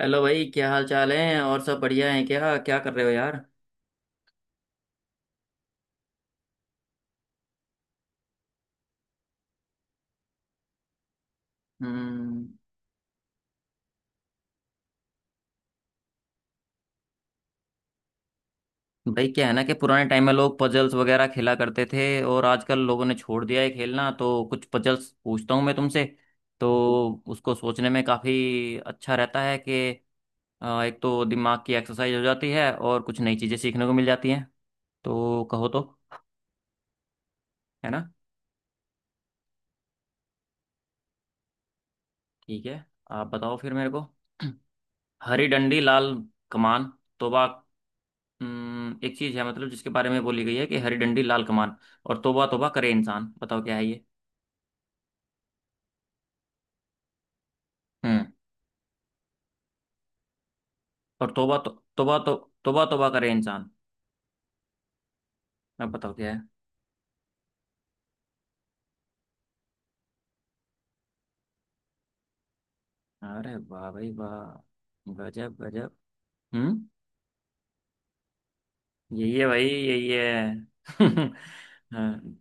Hello भाई, क्या हाल चाल है? और सब बढ़िया है? क्या क्या कर रहे हो यार? हम्म। भाई क्या है ना कि पुराने टाइम में लोग पजल्स वगैरह खेला करते थे, और आजकल लोगों ने छोड़ दिया है खेलना। तो कुछ पजल्स पूछता हूँ मैं तुमसे। तो उसको सोचने में काफ़ी अच्छा रहता है कि एक तो दिमाग की एक्सरसाइज हो जाती है, और कुछ नई चीज़ें सीखने को मिल जाती हैं। तो कहो तो। है ना। ठीक है, आप बताओ फिर मेरे को। हरी डंडी लाल कमान, तोबा। एक चीज है मतलब, जिसके बारे में बोली गई है कि हरी डंडी लाल कमान, और तौबा तौबा करे इंसान। बताओ क्या है ये? हम्म। और तौबा तो, तौबा तो, तौबा तौबा करे इंसान। अब बताओ क्या है? अरे वाह भाई वाह! गजब गजब। हम्म। यही है भाई, यही है। हाँ,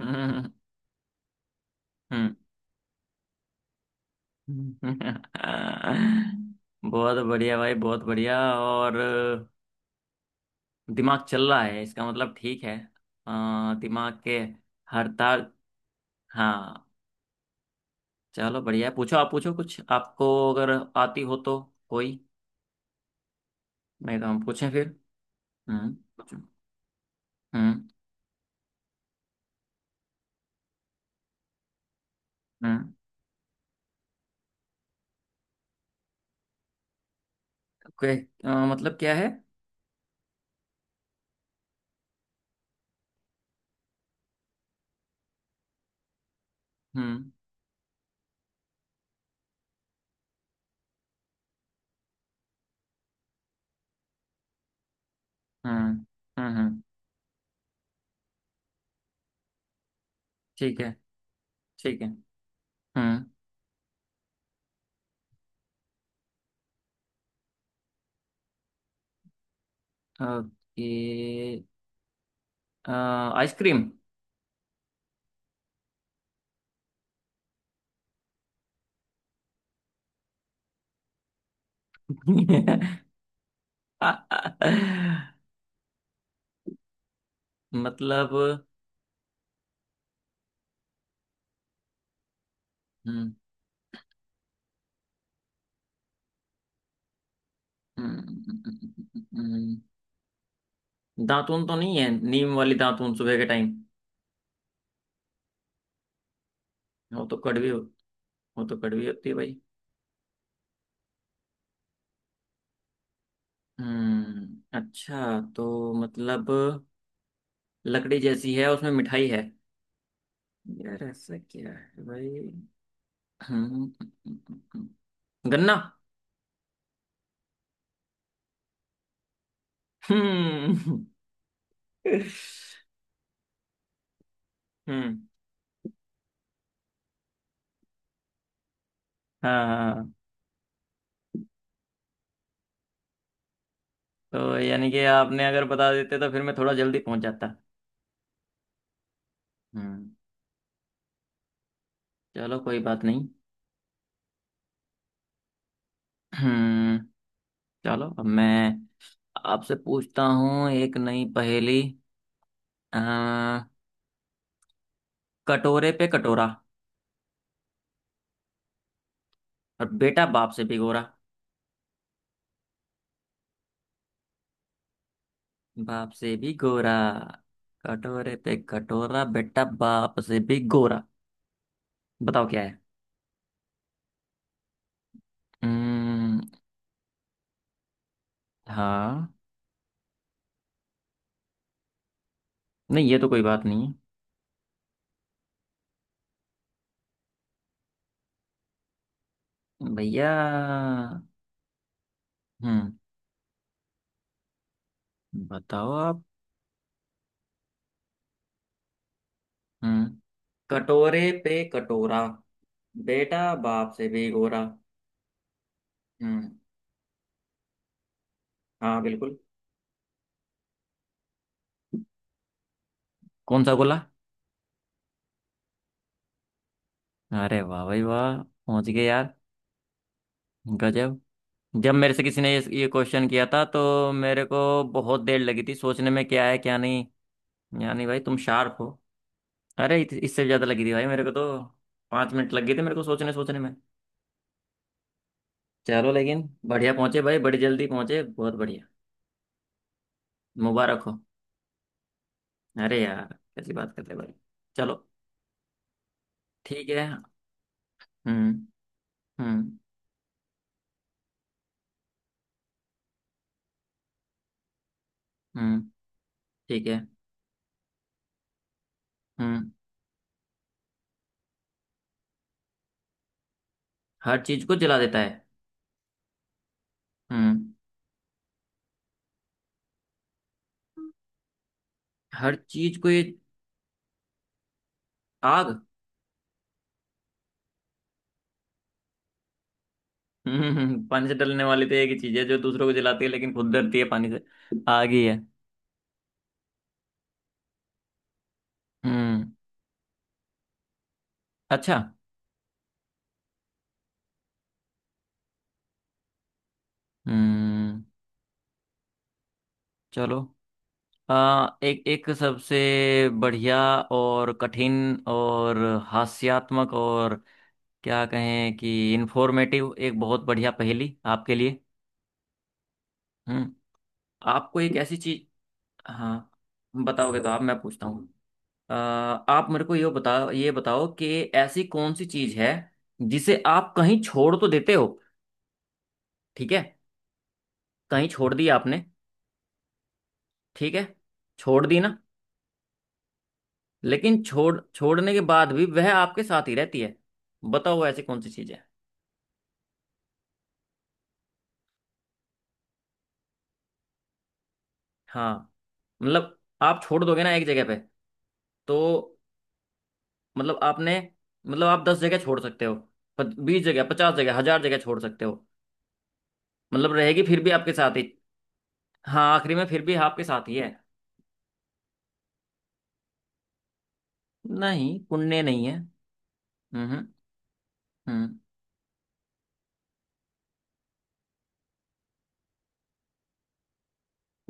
हम्म हम्म। बहुत बढ़िया भाई, बहुत बढ़िया। और दिमाग चल रहा है, इसका मतलब ठीक है। दिमाग के हर तार। हाँ। चलो बढ़िया है, पूछो। आप पूछो कुछ आपको, अगर आती हो तो कोई। नहीं तो हम पूछें फिर। हम्म, पूछो। हम्म हम्म। ओके। मतलब क्या है? हम्म हम्म हम्म हम्म, ठीक है, ठीक है। हम्म। ओके। अ, आइसक्रीम। मतलब। हम्म हम्म, दातून तो नहीं है? नीम वाली दातून सुबह के टाइम? वो तो कड़वी हो, वो तो कड़वी होती है भाई। हम्म, अच्छा। तो मतलब लकड़ी जैसी है, उसमें मिठाई है। यार ऐसा क्या है भाई? हम्म। गन्ना। हम्म हम्म। हाँ हाँ, तो यानी कि आपने अगर बता देते तो फिर मैं थोड़ा जल्दी पहुंच जाता। हम्म, चलो कोई बात नहीं। हम्म। चलो, अब मैं आपसे पूछता हूँ एक नई पहेली। अ, कटोरे पे कटोरा, और बेटा बाप से भिगोरा। बाप से भी गोरा। कटोरे पे कटोरा, बेटा बाप से भी गोरा। बताओ क्या है? हम्म। हाँ। नहीं, ये तो कोई बात नहीं। भैया है, भैया। हम्म। बताओ आप। हम्म। कटोरे पे कटोरा, बेटा बाप से भी गोरा। हम्म। हाँ बिल्कुल। कौन सा गोला? अरे वाह भाई वाह! पहुंच गए यार। गजब। जब मेरे से किसी ने ये क्वेश्चन किया था, तो मेरे को बहुत देर लगी थी सोचने में क्या है क्या नहीं। यानी भाई तुम शार्प हो। अरे इससे भी ज्यादा लगी थी भाई मेरे को तो। 5 मिनट लग गए थे मेरे को सोचने सोचने में। चलो, लेकिन बढ़िया पहुंचे भाई, बड़ी जल्दी पहुंचे। बहुत बढ़िया, मुबारक हो। अरे यार, कैसी बात करते हैं भाई। चलो ठीक है। हम्म हम्म हम्म। ठीक है। हम्म। हर चीज को जला देता है। हम्म, हर चीज को ये। आग। पानी से डलने वाली तो एक ही चीज है जो दूसरों को जलाती है, लेकिन खुद डरती है पानी से। आग ही है। हम्म, अच्छा। हम्म। चलो, एक एक सबसे बढ़िया और कठिन और हास्यात्मक और क्या कहें कि इंफॉर्मेटिव, एक बहुत बढ़िया पहेली आपके लिए। हम्म। आपको एक ऐसी चीज। हाँ, बताओगे तो आप, मैं पूछता हूँ। आप मेरे को ये बताओ कि ऐसी कौन सी चीज है जिसे आप कहीं छोड़ तो देते हो। ठीक है, कहीं छोड़ दी आपने, ठीक है, छोड़ दी ना? लेकिन छोड़ने के बाद भी वह आपके साथ ही रहती है। बताओ वो ऐसी कौन सी चीज है? हाँ, मतलब आप छोड़ दोगे ना एक जगह पे, तो मतलब आपने, मतलब आप 10 जगह छोड़ सकते हो, 20 जगह, 50 जगह, 1,000 जगह छोड़ सकते हो। मतलब रहेगी फिर भी आपके साथ ही। हाँ, आखिरी में फिर भी आपके साथ ही है। नहीं, पुण्य नहीं है। हम्म हम्म।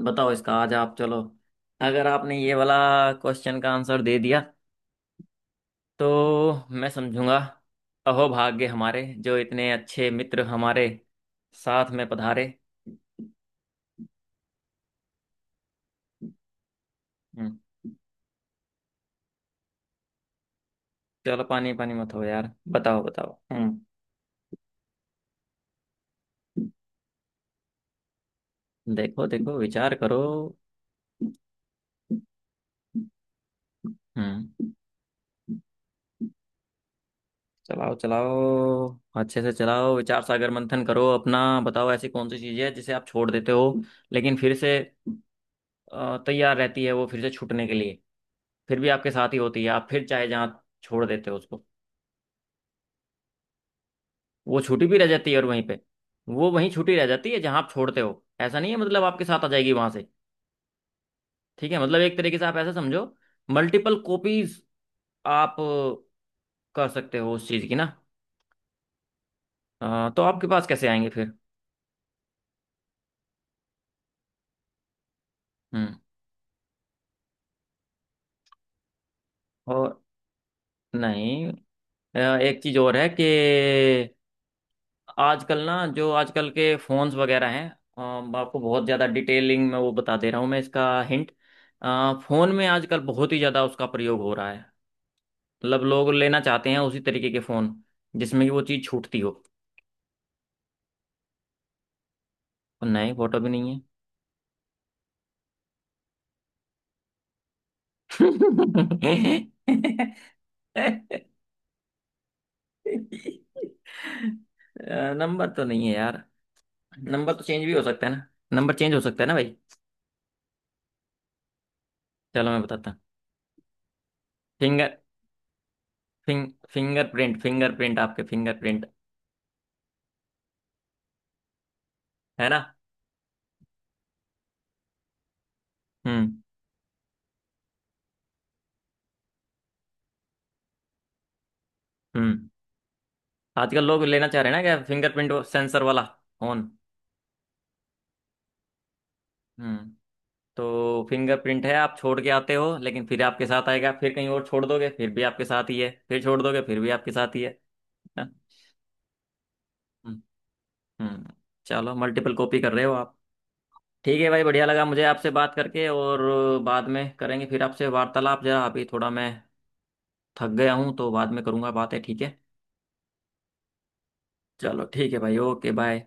बताओ इसका आज आप। चलो, अगर आपने ये वाला क्वेश्चन का आंसर दे दिया तो मैं समझूंगा अहोभाग्य हमारे, जो इतने अच्छे मित्र हमारे साथ में पधारे। हम्म। चलो पानी पानी मत हो यार। बताओ बताओ। हम्म, देखो देखो, विचार करो। हम्म, चलाओ चलाओ, अच्छे से चलाओ। विचार सागर मंथन करो अपना। बताओ ऐसी कौन सी चीज है जिसे आप छोड़ देते हो, लेकिन फिर से तैयार रहती है वो फिर से छूटने के लिए। फिर भी आपके साथ ही होती है, आप फिर चाहे जहाँ छोड़ देते हो उसको। वो छूटी भी रह जाती है और वहीं पे, वो वहीं छूटी रह जाती है जहाँ आप छोड़ते हो, ऐसा नहीं है। मतलब आपके साथ आ जाएगी वहां से। ठीक है, मतलब एक तरीके से आप ऐसा समझो, मल्टीपल कॉपीज आप कर सकते हो उस चीज़ की ना। तो आपके पास कैसे आएंगे फिर? हम्म। और नहीं। एक चीज़ और है कि आजकल ना, जो आजकल के फोन्स वगैरह हैं, अ, आपको बहुत ज़्यादा डिटेलिंग में वो बता दे रहा हूँ मैं, इसका हिंट। फ़ोन में आजकल बहुत ही ज़्यादा उसका प्रयोग हो रहा है। मतलब लोग लेना चाहते हैं उसी तरीके के फ़ोन, जिसमें कि वो चीज़ छूटती हो। और नहीं, फोटो भी नहीं है। नंबर तो नहीं है यार, नंबर तो चेंज भी हो सकता है ना, नंबर चेंज हो सकता है ना भाई। चलो मैं बताता हूँ। फिंगर फिंगरप्रिंट, फिंगरप्रिंट, आपके फिंगरप्रिंट। है ना? हम्म हम्म। आजकल लोग लेना चाह रहे हैं ना, क्या फिंगरप्रिंट सेंसर वाला फोन। हम्म। तो फिंगरप्रिंट है, आप छोड़ के आते हो लेकिन फिर आपके साथ आएगा, फिर कहीं और छोड़ दोगे फिर भी आपके साथ ही है, फिर छोड़ दोगे फिर भी आपके साथ ही है। है ना? हम्म हम्म। चलो, मल्टीपल कॉपी कर रहे हो आप। ठीक है भाई, बढ़िया लगा मुझे आपसे बात करके। और बाद में करेंगे फिर आपसे वार्तालाप, जरा अभी थोड़ा मैं थक गया हूँ, तो बाद में करूँगा बातें, ठीक है? चलो ठीक है भाई, ओके, बाय।